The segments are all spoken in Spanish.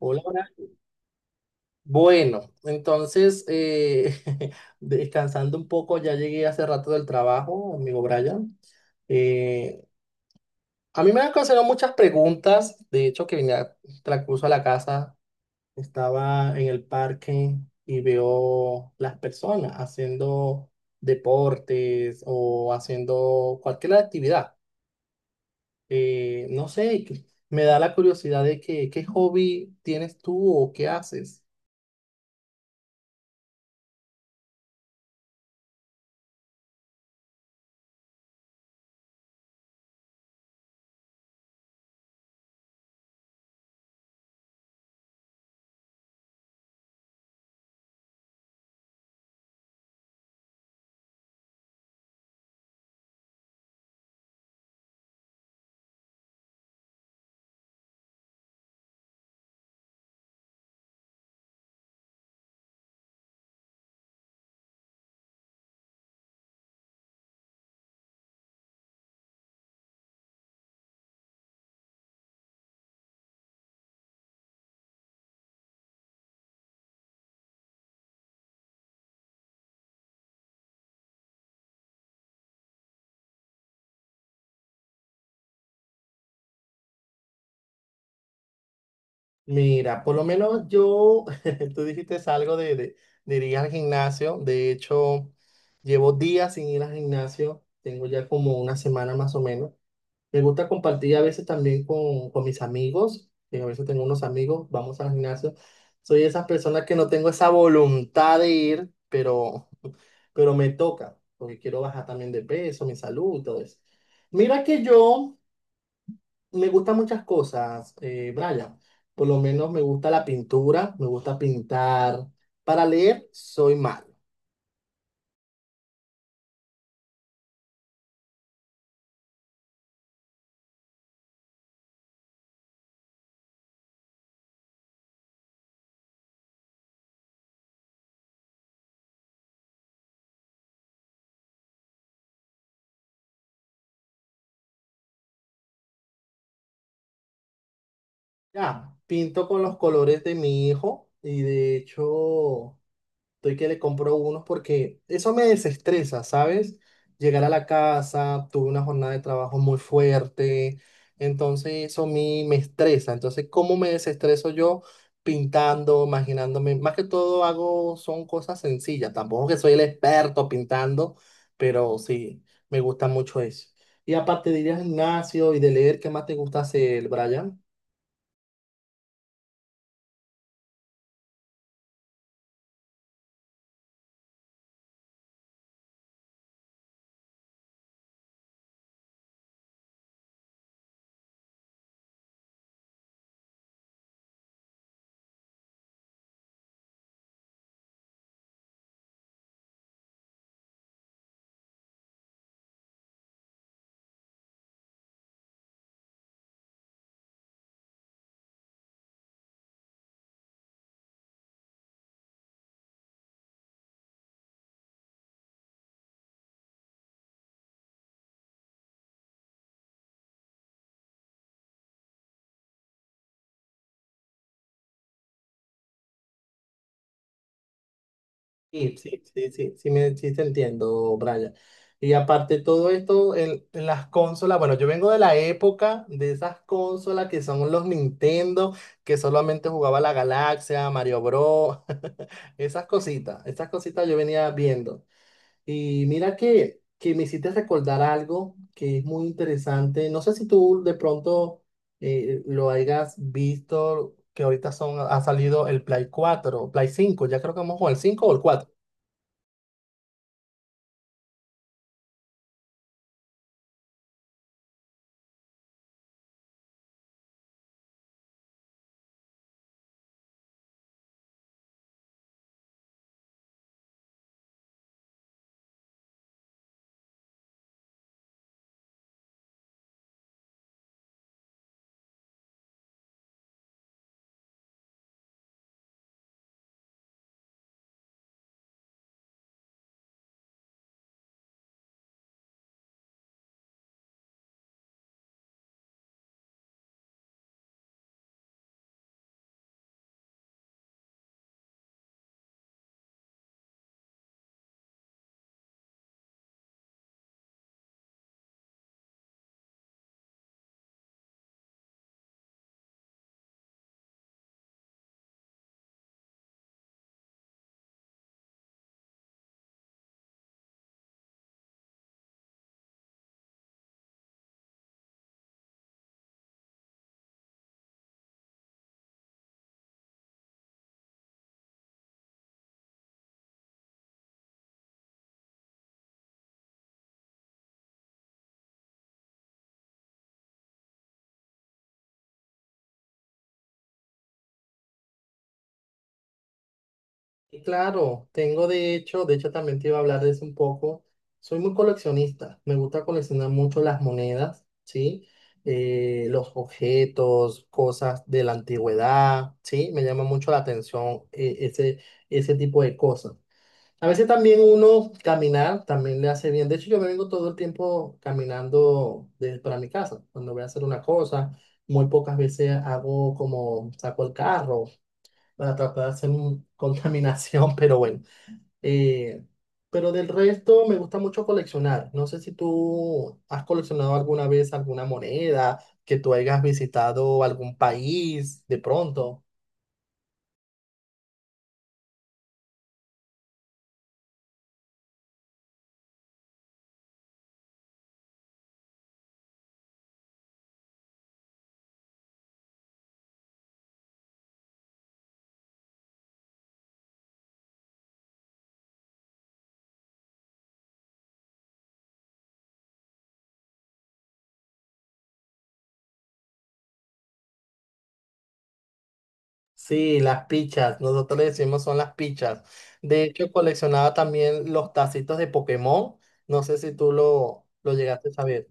Hola, hola. Bueno, entonces, descansando un poco, ya llegué hace rato del trabajo, amigo Brian. Eh, a mí me han ocasionado muchas preguntas, de hecho, que vine a transcurso a la casa, estaba en el parque y veo las personas haciendo deportes o haciendo cualquier actividad. No sé, me da la curiosidad de qué hobby tienes tú o qué haces. Mira, por lo menos yo, tú dijiste algo de ir al gimnasio. De hecho, llevo días sin ir al gimnasio. Tengo ya como una semana más o menos. Me gusta compartir a veces también con mis amigos. Que a veces tengo unos amigos, vamos al gimnasio. Soy esas personas que no tengo esa voluntad de ir, pero me toca, porque quiero bajar también de peso, mi salud, todo eso. Mira que yo me gustan muchas cosas, Brian. Por lo menos me gusta la pintura, me gusta pintar. Para leer soy malo. Ya, pinto con los colores de mi hijo y de hecho, estoy que le compro unos porque eso me desestresa, ¿sabes? Llegar a la casa, tuve una jornada de trabajo muy fuerte, entonces eso a mí me estresa. Entonces, ¿cómo me desestreso yo? Pintando, imaginándome. Más que todo hago, son cosas sencillas. Tampoco que soy el experto pintando, pero sí, me gusta mucho eso. Y aparte de ir al gimnasio y de leer, ¿qué más te gusta hacer, Brian? Sí, sí, sí, sí, sí, sí te entiendo, Brian. Y aparte de todo esto, en las consolas, bueno, yo vengo de la época de esas consolas que son los Nintendo, que solamente jugaba la Galaxia, Mario Bros, esas cositas yo venía viendo. Y mira que me hiciste recordar algo que es muy interesante. No sé si tú de pronto lo hayas visto, que ahorita son, ha salido el Play 4, Play 5, ya creo que vamos con el 5 o el 4. Y claro, tengo de hecho también te iba a hablar de eso un poco. Soy muy coleccionista, me gusta coleccionar mucho las monedas, ¿sí? Los objetos, cosas de la antigüedad, ¿sí? Me llama mucho la atención ese tipo de cosas. A veces también uno caminar también le hace bien. De hecho, yo me vengo todo el tiempo caminando para mi casa. Cuando voy a hacer una cosa, muy pocas veces hago como saco el carro para tratar de hacer contaminación, pero bueno. Eh, pero del resto me gusta mucho coleccionar. No sé si tú has coleccionado alguna vez alguna moneda, que tú hayas visitado algún país de pronto. Sí, las pichas, nosotros le decimos son las pichas. De hecho, coleccionaba también los tacitos de Pokémon. No sé si lo llegaste a saber.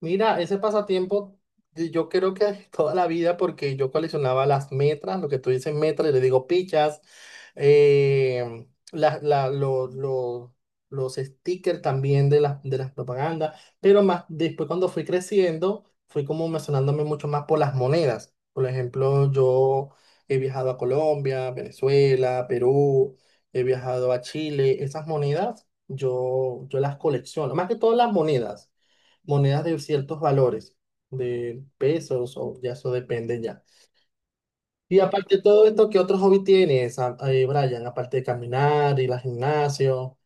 Mira, ese pasatiempo yo creo que toda la vida porque yo coleccionaba las metras, lo que tú dices metras, yo le digo pichas, eh, la- la- lo- lo- los stickers también de las propagandas, pero más después cuando fui creciendo fui como mencionándome mucho más por las monedas. Por ejemplo, yo he viajado a Colombia, Venezuela, Perú, he viajado a Chile, esas monedas yo las colecciono, más que todas las monedas de ciertos valores, de pesos o ya eso depende ya. Y aparte de todo esto, ¿qué otro hobby tienes, Brian? Aparte de caminar, ir al gimnasio.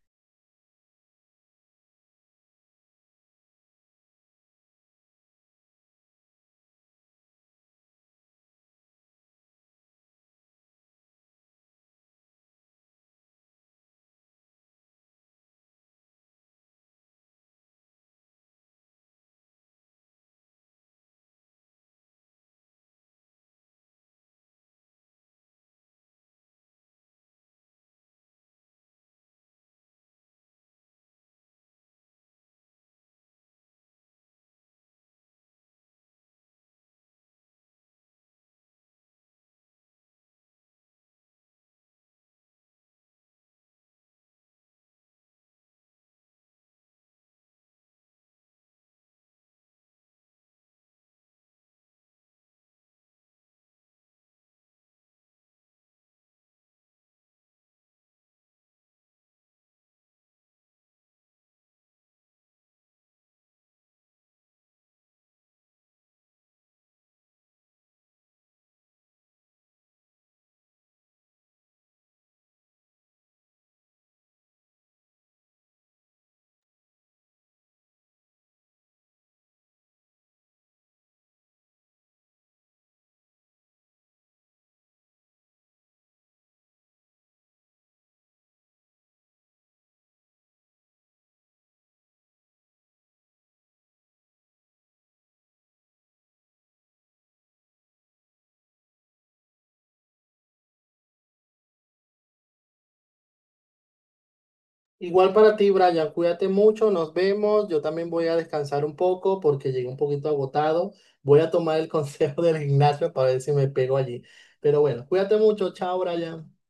Igual para ti, Brian, cuídate mucho, nos vemos. Yo también voy a descansar un poco porque llegué un poquito agotado. Voy a tomar el consejo del gimnasio para ver si me pego allí. Pero bueno, cuídate mucho, chao, Brian.